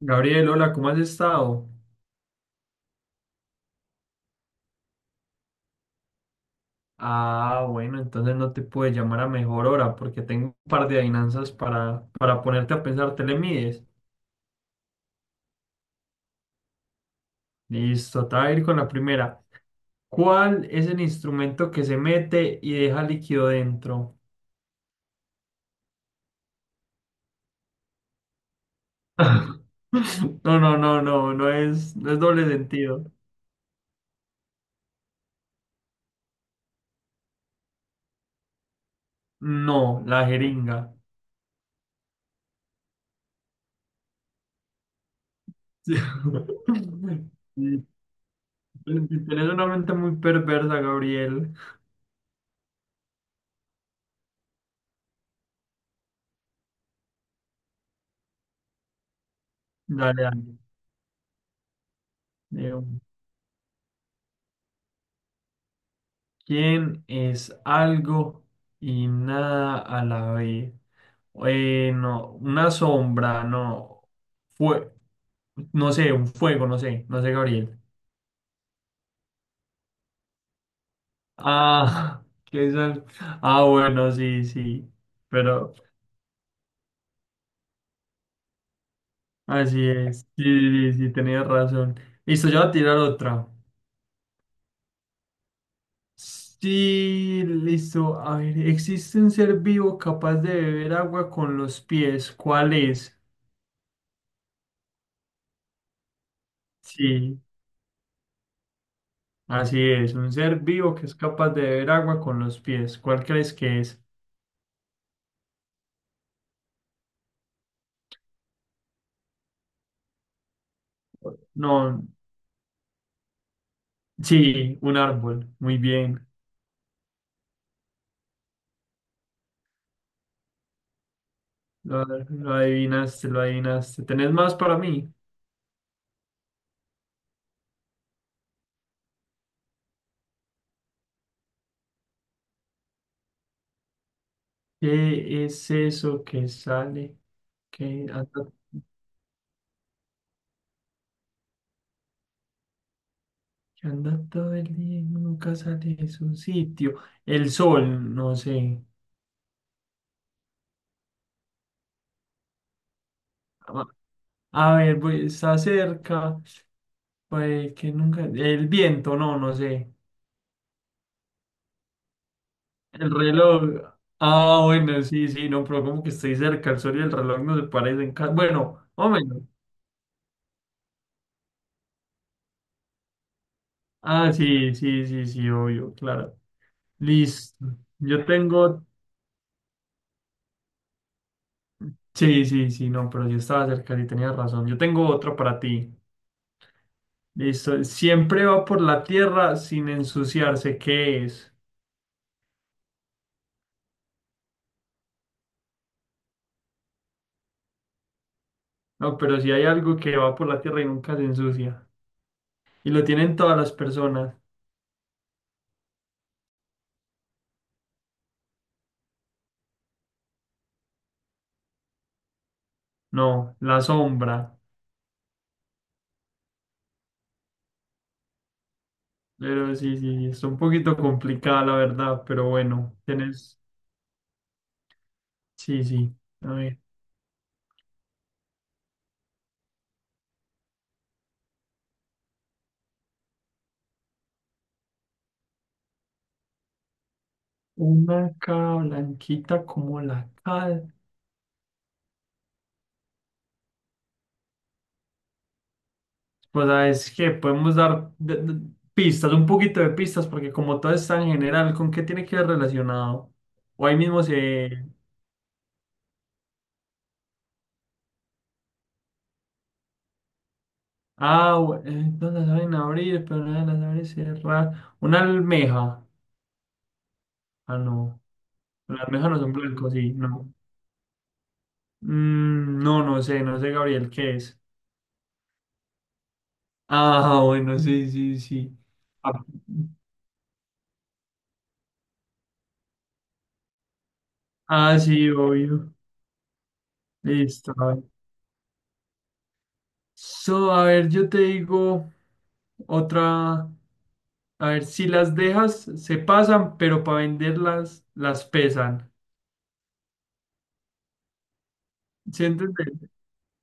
Gabriel, hola, ¿cómo has estado? Ah, bueno, entonces no te puedo llamar a mejor hora porque tengo un par de adivinanzas para ponerte a pensar. ¿Te le mides? Listo, te voy a ir con la primera. ¿Cuál es el instrumento que se mete y deja líquido dentro? No, no, no, no, no es, no es doble sentido. No, la jeringa. Sí. Sí, tienes una mente muy perversa, Gabriel. Dale, dale. Digo. ¿Quién es algo y nada a la vez? No, una sombra, no. Fue, no sé, un fuego, no sé, no sé, Gabriel. Ah, Ah, bueno, sí, sí. Pero así es. Sí, sí, sí, tenías razón. Listo, ya voy a tirar otra. Sí, listo. A ver, ¿existe un ser vivo capaz de beber agua con los pies? ¿Cuál es? Sí. Así es, un ser vivo que es capaz de beber agua con los pies. ¿Cuál crees que es? No, sí, un árbol. Muy bien. Lo adivinaste, lo adivinaste. ¿Tenés más para mí? ¿Qué es eso que sale, que anda, ¿Que anda todo el día y nunca sale de su sitio? El sol, no sé. A a ver, pues, está cerca. Pues que nunca. El viento, no, no sé. El reloj. Ah, bueno, sí, sí, no, pero como que estoy cerca, el sol y el reloj no se parecen. Bueno, o menos. Ah, sí, sí, sí, sí, obvio, claro. Listo. Yo tengo. Sí, sí, sí, no, pero sí estaba cerca, sí tenía razón. Yo tengo otro para ti. Listo. Siempre va por la tierra sin ensuciarse. ¿Qué es? No, pero si hay algo que va por la tierra y nunca se ensucia. Y lo tienen todas las personas. No, la sombra. Pero sí, sí, sí, está un poquito complicada la verdad, pero bueno, tienes, sí, sí, a ver, una cara blanquita como la cal. Pues sabes que podemos dar pistas, un poquito de pistas, porque como todo está en general, ¿con qué tiene que ver relacionado? O ahí mismo se... No la saben abrir, pero no la saben cerrar. Una almeja. Ah, no. Las almejas no son blancos, sí, no. Mm, no, no sé, no sé, Gabriel, ¿qué es? Ah, bueno, sí, sí, sí. Ah, ah, sí, obvio. Listo, a ver. So, a ver, yo te digo otra. A ver, si las dejas, se pasan, pero para venderlas, las pesan. ¿Sí entiendes?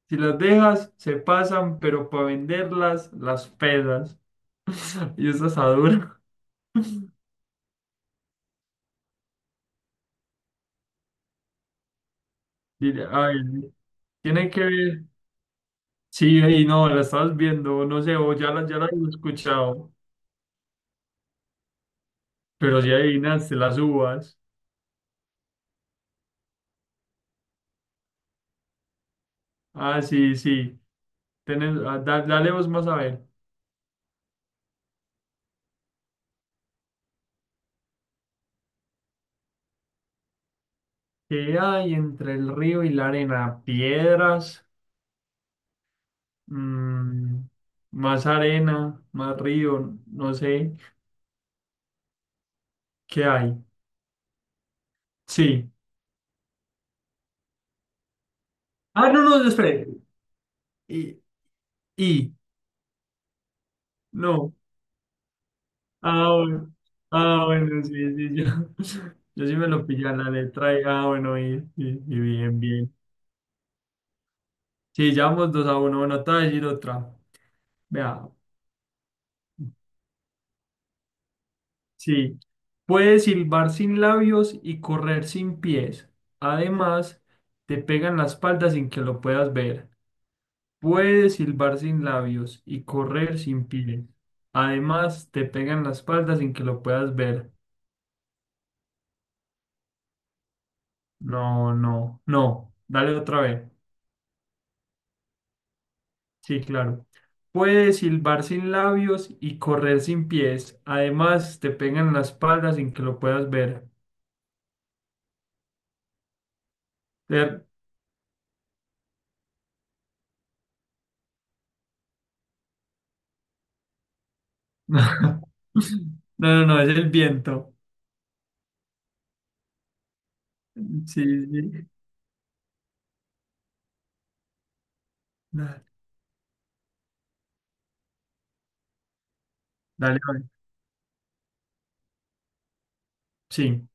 Si las dejas, se pasan, pero para venderlas, las pesas. Y esa está dura. Y, a ver, tiene que ver. Sí, ahí no, la estabas viendo, no sé, o ya la he escuchado. Pero si adivinaste las uvas. Ah, sí, sí. Tenés, ah, dale vos más a ver. ¿Qué hay entre el río y la arena? Piedras, mm, más arena, más río, no sé. ¿Qué hay? Sí. Ah, no, no, espere. Y, y, no. Ah, bueno. Ah, bueno, sí, sí, yo, yo sí me lo pillé a la letra. Ah, bueno, y bien, bien. Sí, llevamos 2-1. Bueno, te voy a decir otra. Vea, sí, puedes silbar sin labios y correr sin pies. Además, te pegan la espalda sin que lo puedas ver. Puedes silbar sin labios y correr sin pies. Además, te pegan la espalda sin que lo puedas ver. No, no, no. Dale otra vez. Sí, claro. Puedes silbar sin labios y correr sin pies. Además, te pegan la espalda sin que lo puedas ver. Ter- No, no, no, es el viento. Sí, sí. Da- Dale, vale. Sí.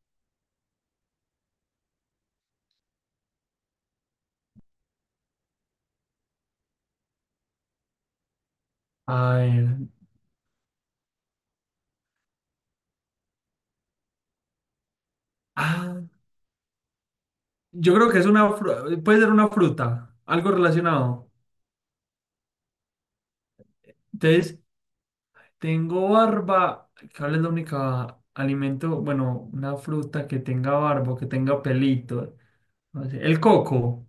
A ver. Ah, yo creo que es una fruta. Puede ser una fruta. Algo relacionado. Entonces, tengo barba. ¿Cuál es la única alimento? Bueno, una fruta que tenga barba, o que tenga pelito. No sé, el coco.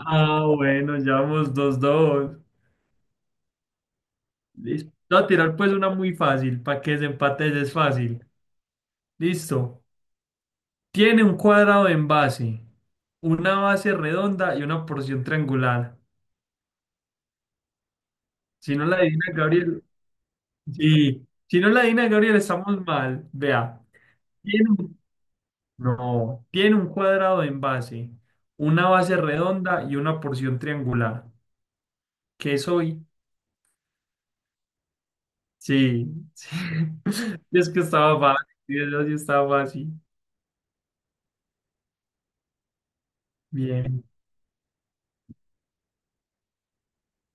Ah, bueno, ya vamos dos, dos. Listo. Voy a tirar pues una muy fácil. Para que desempates es fácil. Listo. Tiene un cuadrado en base, una base redonda y una porción triangular. Si no la adivina Gabriel, sí. Si no la adivina Gabriel, estamos mal. Vea, tiene un- no, tiene un cuadrado en base, una base redonda y una porción triangular. ¿Qué soy? Sí, sí. Es que estaba fácil, yo sí estaba fácil. Bien,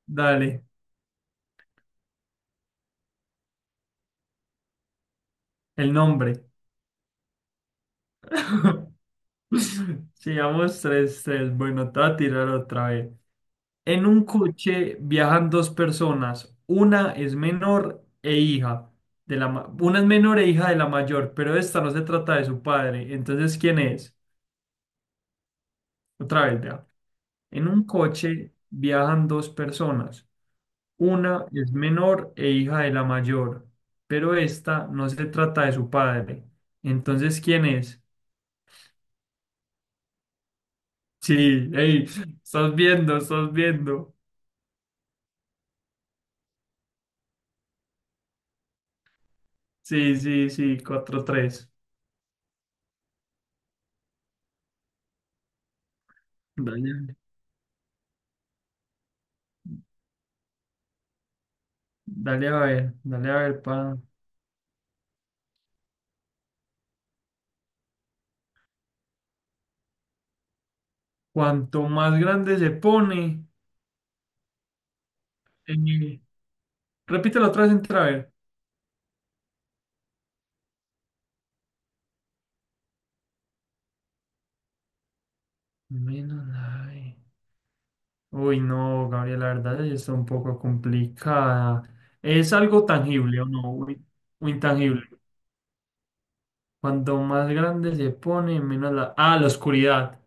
dale, el nombre. Sigamos tres, tres. Bueno, te voy a tirar otra vez. En un coche viajan dos personas. Una es menor e hija de la mayor, pero esta no se trata de su padre. Entonces, ¿quién es? Otra vez, vea. En un coche viajan dos personas. Una es menor e hija de la mayor, pero esta no se trata de su padre. Entonces, ¿quién es? Sí, hey, estás viendo, estás viendo. Sí, sí, sí, 4-3. Dale, dale a ver, pa. Cuanto más grande se pone, eh, repítelo otra vez entra a ver. Menos nave. Uy, no, Gabriel, la verdad sí está un poco complicada. ¿Es algo tangible o no? Uy, o intangible. Cuanto más grande se pone, menos la... Ah, la oscuridad.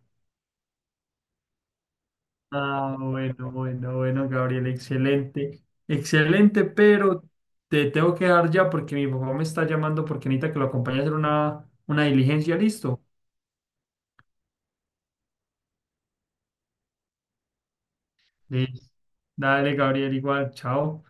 Ah, bueno, bueno, bueno, Gabriel, excelente. Excelente, pero te tengo que dejar ya porque mi papá me está llamando porque necesita que lo acompañe a hacer una diligencia, ¿listo? Listo. Dale, Gabriel, igual. Chao.